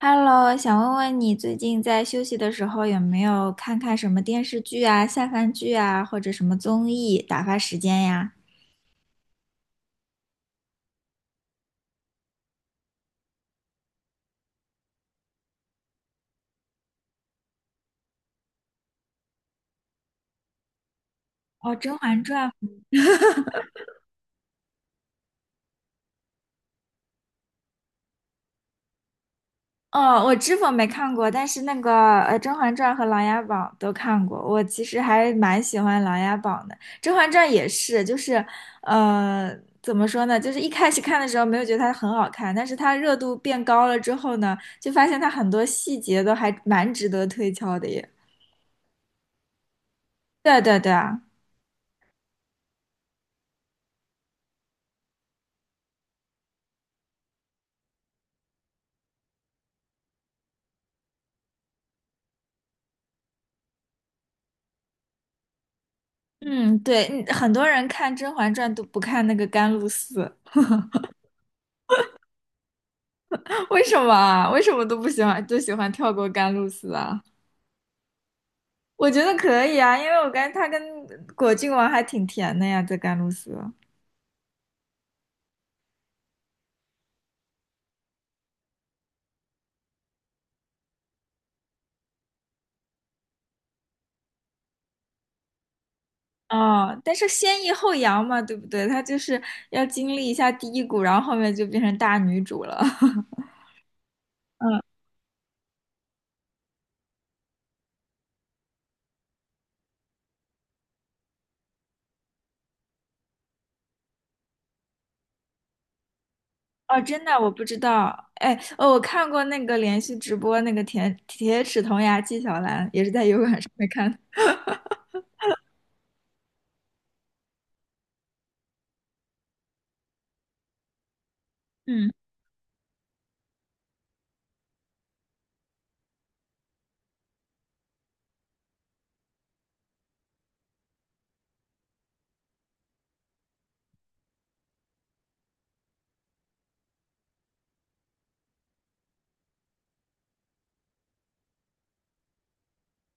Hello，想问问你最近在休息的时候有没有看看什么电视剧啊、下饭剧啊，或者什么综艺打发时间呀？哦，《甄嬛传》哦，我知否没看过，但是那个《甄嬛传》和《琅琊榜》都看过。我其实还蛮喜欢《琅琊榜》的，《甄嬛传》也是，呃，怎么说呢？就是一开始看的时候没有觉得它很好看，但是它热度变高了之后呢，就发现它很多细节都还蛮值得推敲的耶。对对对啊。嗯，对，嗯很多人看《甄嬛传》都不看那个甘露寺，为什么啊？为什么都不喜欢，都喜欢跳过甘露寺啊？我觉得可以啊，因为我感觉他跟果郡王还挺甜的呀，在甘露寺。哦，但是先抑后扬嘛，对不对？她就是要经历一下低谷，然后后面就变成大女主了。嗯，哦，真的，我不知道。哎，哦，我看过那个连续直播，那个铁齿铜牙纪晓岚，也是在油管上面看的嗯。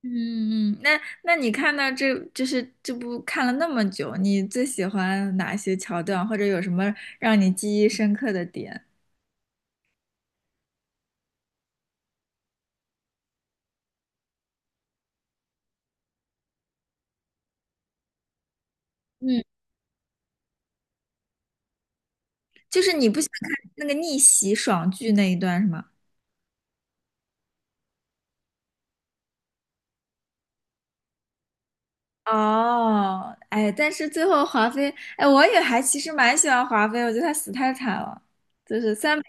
嗯嗯，那你看到这就是这部看了那么久，你最喜欢哪些桥段，或者有什么让你记忆深刻的点？嗯，就是你不想看那个逆袭爽剧那一段是吗？哦，哎，但是最后华妃，哎，我也还其实蛮喜欢华妃，我觉得她死太惨了。就是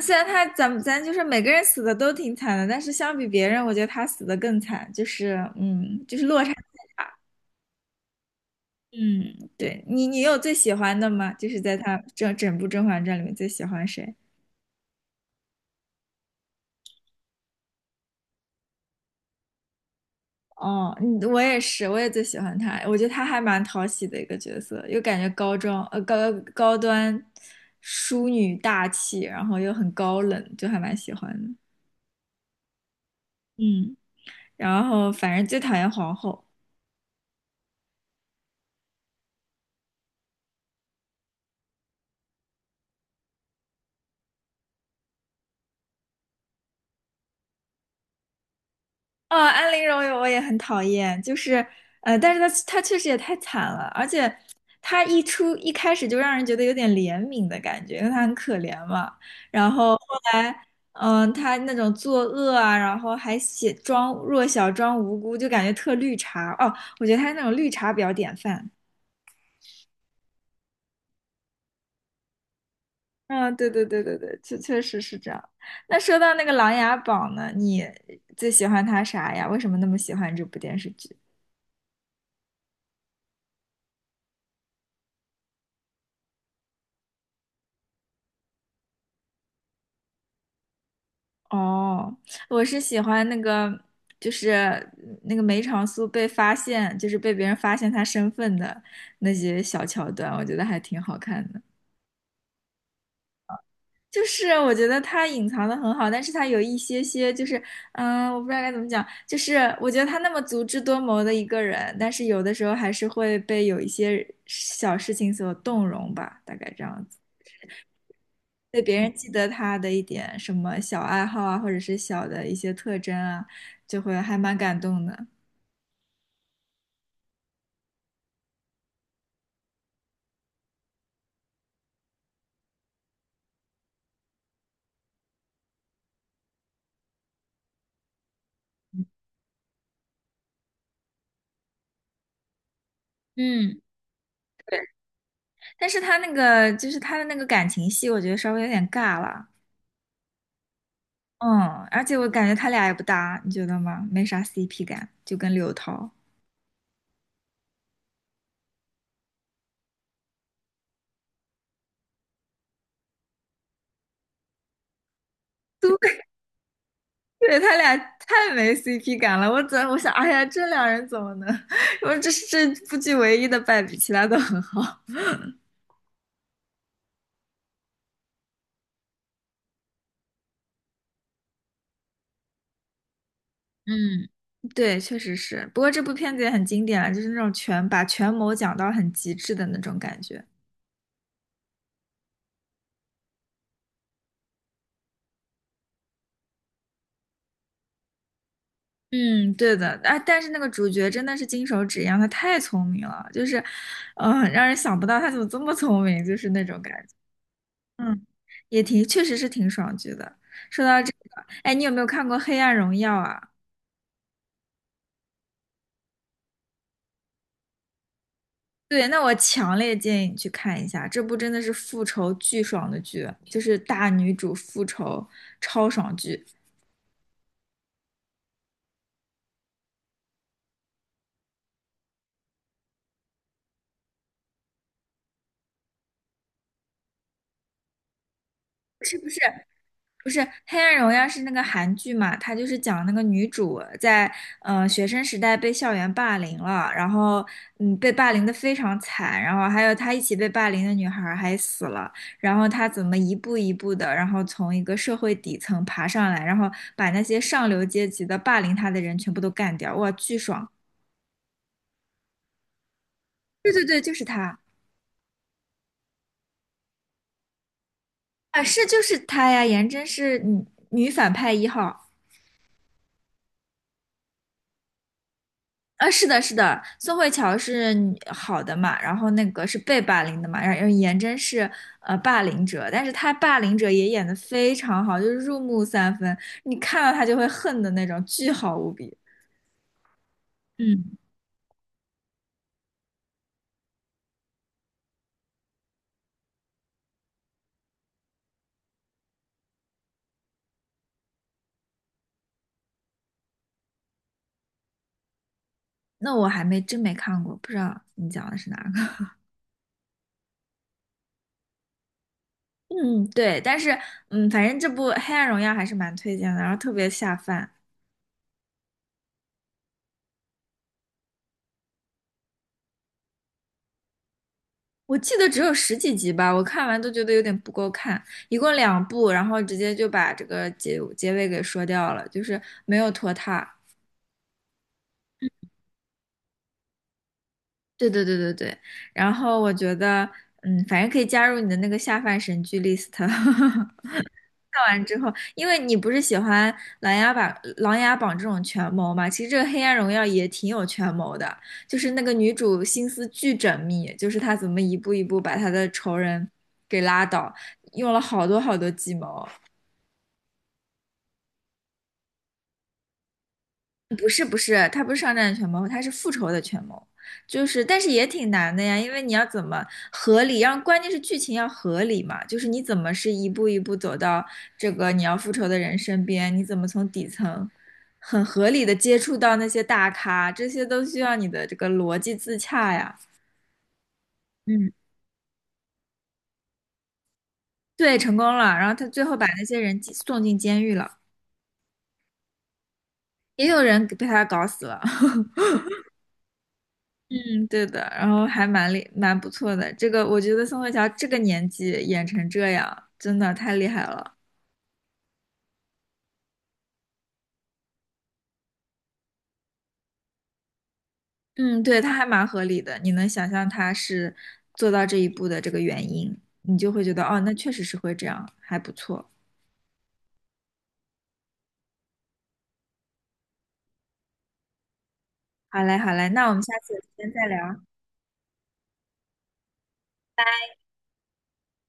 虽然她咱就是每个人死的都挺惨的，但是相比别人，我觉得她死的更惨，就是嗯，就是落差。嗯，对你，你有最喜欢的吗？就是在他整部《甄嬛传》里面最喜欢谁？哦，嗯，我也是，我也最喜欢他。我觉得他还蛮讨喜的一个角色，又感觉高高端淑女大气，然后又很高冷，就还蛮喜欢的。嗯，然后反正最讨厌皇后。哦，安陵容我也很讨厌，就是，但是她确实也太惨了，而且她一开始就让人觉得有点怜悯的感觉，因为她很可怜嘛。然后后来，她那种作恶啊，然后还写装弱小、装无辜，就感觉特绿茶。哦，我觉得她那种绿茶比较典范。嗯，对对对对对，确实是这样。那说到那个《琅琊榜》呢，你最喜欢它啥呀？为什么那么喜欢这部电视剧？哦，我是喜欢那个，就是那个梅长苏被发现，就是被别人发现他身份的那些小桥段，我觉得还挺好看的。就是我觉得他隐藏的很好，但是他有一些些，就是嗯，我不知道该怎么讲，就是我觉得他那么足智多谋的一个人，但是有的时候还是会被有一些小事情所动容吧，大概这样子。对别人记得他的一点什么小爱好啊，或者是小的一些特征啊，就会还蛮感动的。嗯，对，但是他那个就是他的那个感情戏，我觉得稍微有点尬了。嗯，而且我感觉他俩也不搭，你觉得吗？没啥 CP 感，就跟刘涛。对，对，他俩太没 CP 感了。我想，哎呀，这两人怎么能？我这是这部剧唯一的败笔，其他都很好。嗯，对，确实是。不过这部片子也很经典了，就是那种权谋讲到很极致的那种感觉。嗯，对的。啊，但是那个主角真的是金手指一样，他太聪明了，就是，让人想不到他怎么这么聪明，就是那种感觉。嗯，也挺，确实是挺爽剧的。说到这个，哎，你有没有看过《黑暗荣耀》啊？对，那我强烈建议你去看一下，这部真的是复仇巨爽的剧，就是大女主复仇超爽剧。是不是？不是《黑暗荣耀》是那个韩剧嘛？它就是讲那个女主在学生时代被校园霸凌了，然后嗯被霸凌的非常惨，然后还有她一起被霸凌的女孩儿还死了，然后她怎么一步一步的，然后从一个社会底层爬上来，然后把那些上流阶级的霸凌她的人全部都干掉，哇，巨爽！对对对，就是她啊，是就是她呀，颜真是女反派一号。啊，是的，是的，宋慧乔是女好的嘛，然后那个是被霸凌的嘛，然后颜真是霸凌者，但是她霸凌者也演得非常好，就是入木三分，你看到她就会恨的那种，巨好无比。嗯，那我还没真没看过，不知道你讲的是哪个。嗯，对，但是嗯，反正这部《黑暗荣耀》还是蛮推荐的，然后特别下饭。我记得只有十几集吧，我看完都觉得有点不够看，一共两部，然后直接就把这个结尾给说掉了，就是没有拖沓。对对对对对，然后我觉得，嗯，反正可以加入你的那个下饭神剧 list。看完之后，因为你不是喜欢《琅琊榜》《琅琊榜》这种权谋嘛，其实这个《黑暗荣耀》也挺有权谋的，就是那个女主心思巨缜密，就是她怎么一步一步把她的仇人给拉倒，用了好多好多计谋。不是不是，他不是商战权谋，他是复仇的权谋，就是但是也挺难的呀，因为你要怎么合理，让关键是剧情要合理嘛，就是你怎么是一步一步走到这个你要复仇的人身边，你怎么从底层很合理的接触到那些大咖，这些都需要你的这个逻辑自洽呀。嗯，对，成功了，然后他最后把那些人送进监狱了，也有人被他搞死了。嗯，对的，然后还蛮厉蛮不错的。这个我觉得宋慧乔这个年纪演成这样，真的太厉害了。嗯，对，她还蛮合理的，你能想象她是做到这一步的这个原因，你就会觉得哦，那确实是会这样，还不错。好嘞，好嘞，那我们下次有时间再聊。